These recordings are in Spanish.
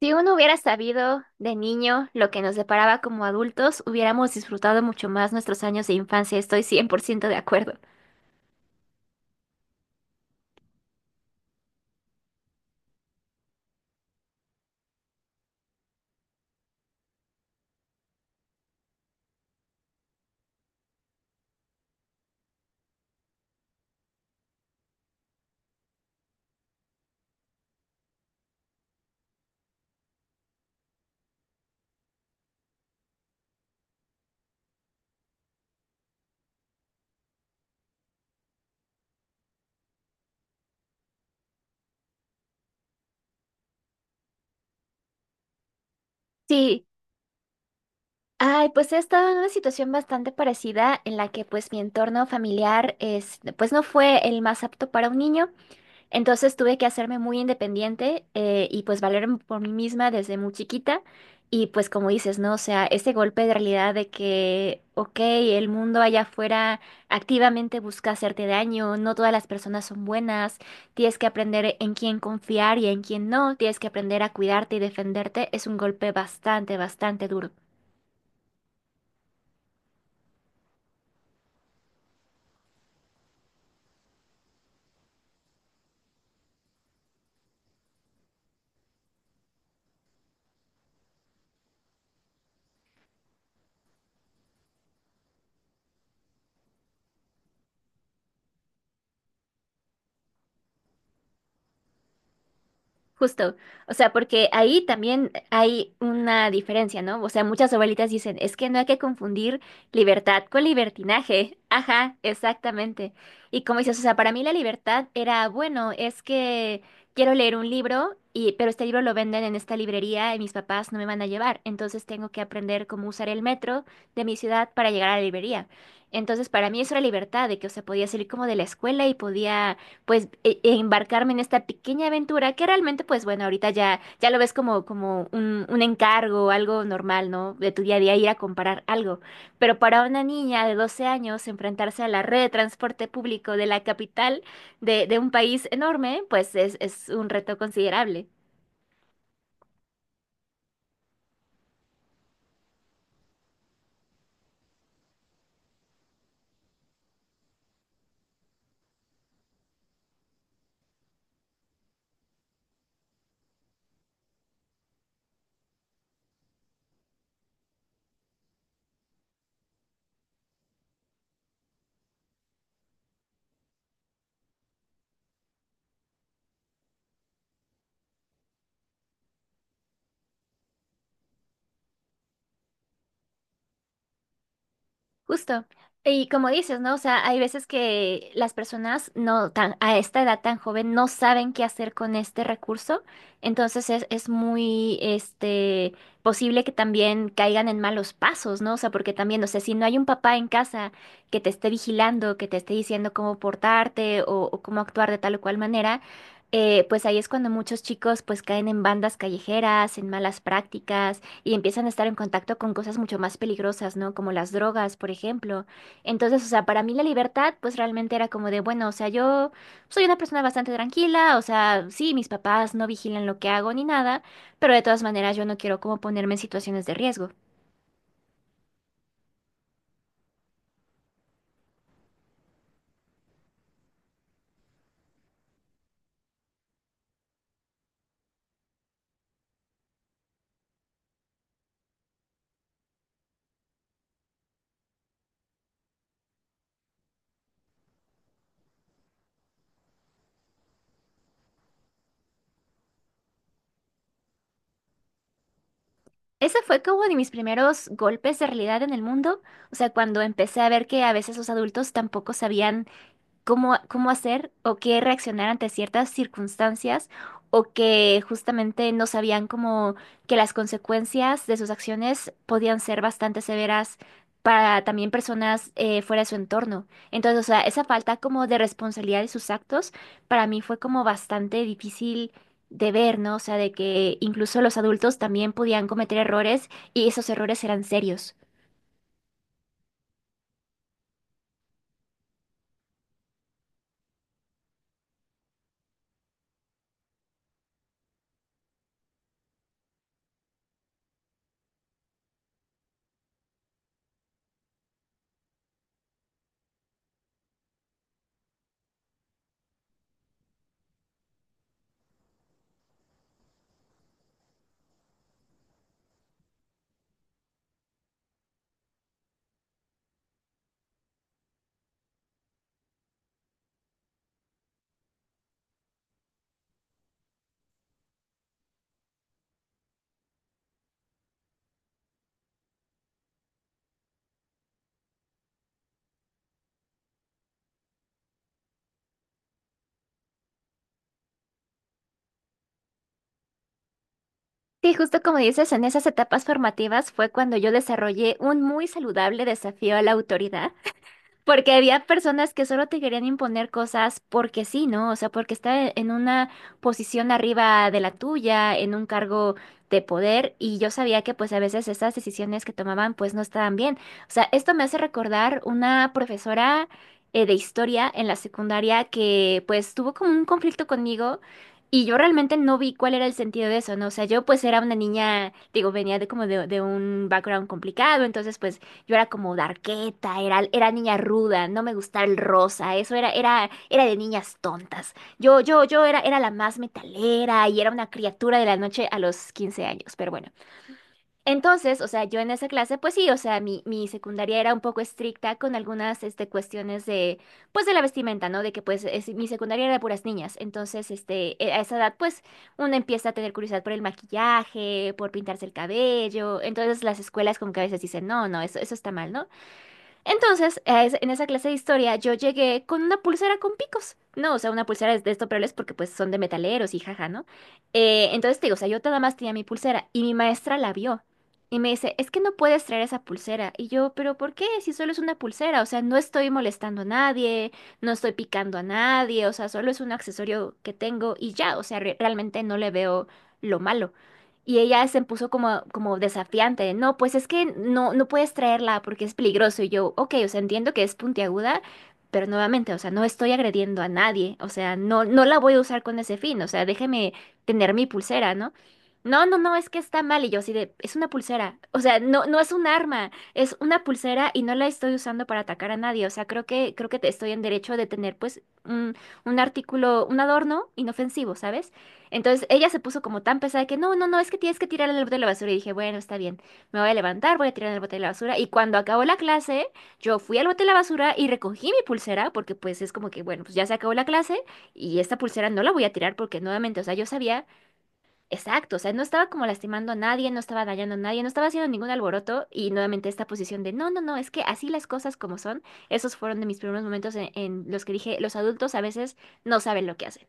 Si uno hubiera sabido de niño lo que nos deparaba como adultos, hubiéramos disfrutado mucho más nuestros años de infancia. Estoy 100% de acuerdo. Sí. Ay, pues he estado en una situación bastante parecida en la que pues mi entorno familiar pues no fue el más apto para un niño. Entonces tuve que hacerme muy independiente, y pues valerme por mí misma desde muy chiquita. Y pues como dices, ¿no? O sea, ese golpe de realidad de que, ok, el mundo allá afuera activamente busca hacerte daño, no todas las personas son buenas, tienes que aprender en quién confiar y en quién no, tienes que aprender a cuidarte y defenderte, es un golpe bastante, bastante duro. Justo, o sea, porque ahí también hay una diferencia, ¿no? O sea, muchas abuelitas dicen, es que no hay que confundir libertad con libertinaje. Ajá, exactamente. Y como dices, o sea, para mí la libertad era, bueno, es que quiero leer un libro y pero este libro lo venden en esta librería y mis papás no me van a llevar, entonces tengo que aprender cómo usar el metro de mi ciudad para llegar a la librería. Entonces, para mí eso era libertad, de que, o sea, podía salir como de la escuela y podía pues embarcarme en esta pequeña aventura que realmente pues bueno, ahorita ya lo ves como un encargo, algo normal, ¿no? De tu día a día ir a comprar algo. Pero para una niña de 12 años enfrentarse a la red de transporte público de la capital de un país enorme, pues es un reto considerable. Justo. Y como dices, ¿no? O sea, hay veces que las personas no tan, a esta edad tan joven no saben qué hacer con este recurso. Entonces es muy posible que también caigan en malos pasos, ¿no? O sea, porque también, o sea, si no hay un papá en casa que te esté vigilando, que te esté diciendo cómo portarte o cómo actuar de tal o cual manera, pues ahí es cuando muchos chicos pues caen en bandas callejeras, en malas prácticas y empiezan a estar en contacto con cosas mucho más peligrosas, ¿no? Como las drogas, por ejemplo. Entonces, o sea, para mí la libertad, pues realmente era como de, bueno, o sea, yo soy una persona bastante tranquila, o sea, sí, mis papás no vigilan lo que hago ni nada, pero de todas maneras yo no quiero como ponerme en situaciones de riesgo. Ese fue como de mis primeros golpes de realidad en el mundo, o sea, cuando empecé a ver que a veces los adultos tampoco sabían cómo hacer o qué reaccionar ante ciertas circunstancias o que justamente no sabían como que las consecuencias de sus acciones podían ser bastante severas para también personas, fuera de su entorno. Entonces, o sea, esa falta como de responsabilidad de sus actos para mí fue como bastante difícil de ver, ¿no? O sea, de que incluso los adultos también podían cometer errores y esos errores eran serios. Sí, justo como dices, en esas etapas formativas fue cuando yo desarrollé un muy saludable desafío a la autoridad. Porque había personas que solo te querían imponer cosas porque sí, ¿no? O sea, porque está en una posición arriba de la tuya, en un cargo de poder, y yo sabía que pues a veces esas decisiones que tomaban pues no estaban bien. O sea, esto me hace recordar una profesora, de historia en la secundaria que pues tuvo como un conflicto conmigo. Y yo realmente no vi cuál era el sentido de eso, ¿no? O sea, yo pues era una niña, digo, venía de como de un background complicado, entonces pues yo era como darketa, era niña ruda, no me gustaba el rosa, eso era de niñas tontas. Yo era la más metalera y era una criatura de la noche a los 15 años, pero bueno. Entonces, o sea, yo en esa clase, pues sí, o sea, mi secundaria era un poco estricta con algunas, cuestiones de, pues de la vestimenta, ¿no? De que, pues, mi secundaria era de puras niñas. Entonces, a esa edad, pues, uno empieza a tener curiosidad por el maquillaje, por pintarse el cabello. Entonces, las escuelas como que a veces dicen, no, no, eso está mal, ¿no? Entonces, en esa clase de historia yo llegué con una pulsera con picos. No, o sea, una pulsera de estos porque pues son de metaleros y jaja, ¿no? Entonces te digo, o sea, yo nada más tenía mi pulsera y mi maestra la vio y me dice, es que no puedes traer esa pulsera. Y yo, pero ¿por qué? Si solo es una pulsera, o sea, no estoy molestando a nadie, no estoy picando a nadie, o sea, solo es un accesorio que tengo y ya, o sea, realmente no le veo lo malo. Y ella se puso como, como desafiante, de, no, pues es que no, no puedes traerla porque es peligroso. Y yo, ok, o sea, entiendo que es puntiaguda, pero nuevamente, o sea, no estoy agrediendo a nadie, o sea, no, no la voy a usar con ese fin, o sea, déjeme tener mi pulsera, ¿no? No, no, no, es que está mal. Y yo así de, es una pulsera, o sea, no, no es un arma, es una pulsera y no la estoy usando para atacar a nadie, o sea, creo que, creo que estoy en derecho de tener, pues, un artículo, un adorno inofensivo, ¿sabes? Entonces ella se puso como tan pesada que no, no, no, es que tienes que tirar el bote de la basura. Y dije, bueno, está bien, me voy a levantar, voy a tirar el bote de la basura. Y cuando acabó la clase, yo fui al bote de la basura y recogí mi pulsera, porque pues es como que, bueno, pues ya se acabó la clase y esta pulsera no la voy a tirar porque nuevamente, o sea, yo sabía exacto, o sea, no estaba como lastimando a nadie, no estaba dañando a nadie, no estaba haciendo ningún alboroto. Y nuevamente esta posición de, no, no, no, es que así las cosas como son, esos fueron de mis primeros momentos en los que dije, los adultos a veces no saben lo que hacen.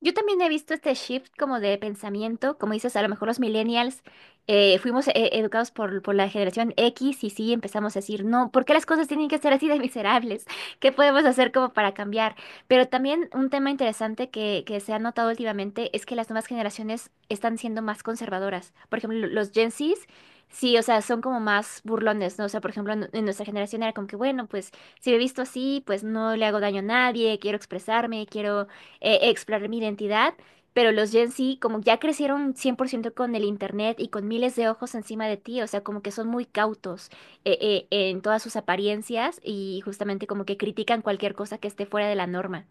Yo también he visto este shift como de pensamiento, como dices, a lo mejor los millennials, fuimos, educados por la generación X y sí empezamos a decir, no, ¿por qué las cosas tienen que ser así de miserables? ¿Qué podemos hacer como para cambiar? Pero también un tema interesante que se ha notado últimamente es que las nuevas generaciones están siendo más conservadoras. Por ejemplo, los Gen Zs, sí, o sea, son como más burlones, ¿no? O sea, por ejemplo, en nuestra generación era como que, bueno, pues si me he visto así, pues no le hago daño a nadie, quiero expresarme, quiero, explorar mi identidad, pero los Gen Z como ya crecieron 100% con el internet y con miles de ojos encima de ti, o sea, como que son muy cautos, en todas sus apariencias y justamente como que critican cualquier cosa que esté fuera de la norma.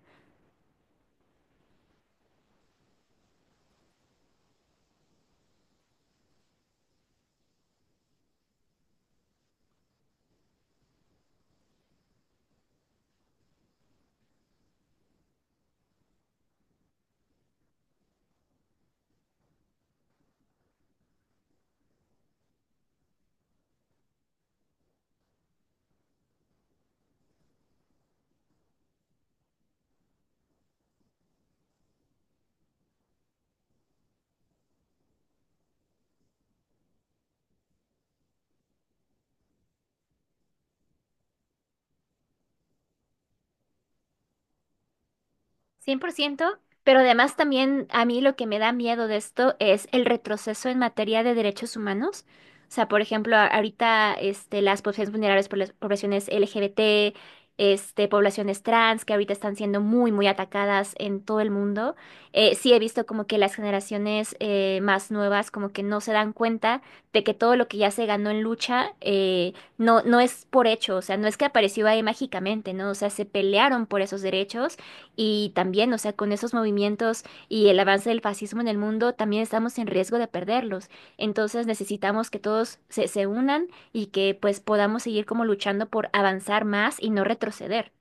100%. Pero además también a mí lo que me da miedo de esto es el retroceso en materia de derechos humanos. O sea, por ejemplo, ahorita, las poblaciones vulnerables por las poblaciones LGBT, poblaciones trans, que ahorita están siendo muy, muy atacadas en todo el mundo. Sí he visto como que las generaciones, más nuevas como que no se dan cuenta de que todo lo que ya se ganó en lucha, no, no es por hecho, o sea, no es que apareció ahí mágicamente, ¿no? O sea, se pelearon por esos derechos y también, o sea, con esos movimientos y el avance del fascismo en el mundo, también estamos en riesgo de perderlos. Entonces necesitamos que todos se unan y que pues podamos seguir como luchando por avanzar más y no retroceder.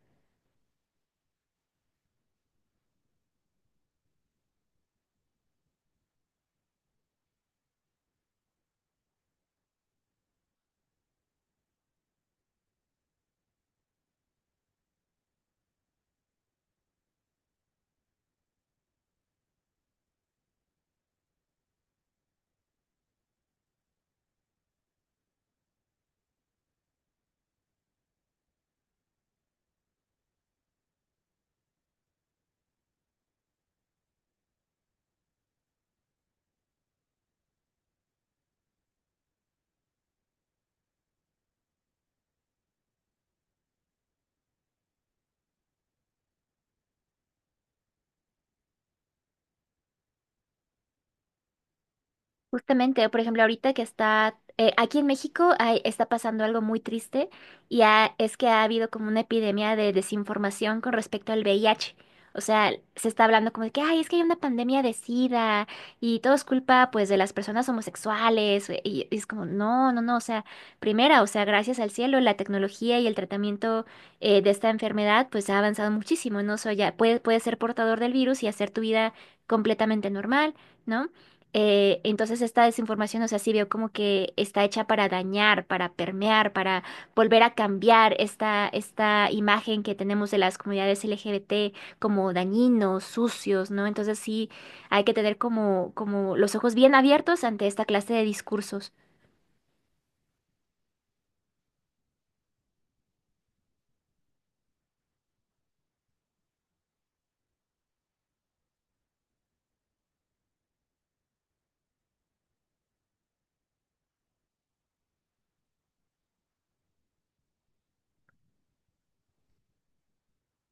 Justamente, por ejemplo, ahorita que está, aquí en México está pasando algo muy triste y es que ha habido como una epidemia de desinformación con respecto al VIH. O sea, se está hablando como de que, ay, es que hay una pandemia de SIDA y todo es culpa pues de las personas homosexuales, y es como, no, no, no, o sea, primera, o sea, gracias al cielo, la tecnología y el tratamiento, de esta enfermedad pues ha avanzado muchísimo, ¿no? O sea, ya puedes, puedes ser portador del virus y hacer tu vida completamente normal. ¿No? Entonces esta desinformación, o sea, sí veo como que está hecha para dañar, para permear, para volver a cambiar esta imagen que tenemos de las comunidades LGBT como dañinos, sucios, ¿no? Entonces sí hay que tener como, los ojos bien abiertos ante esta clase de discursos.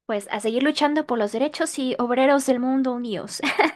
Pues a seguir luchando por los derechos y obreros del mundo unidos.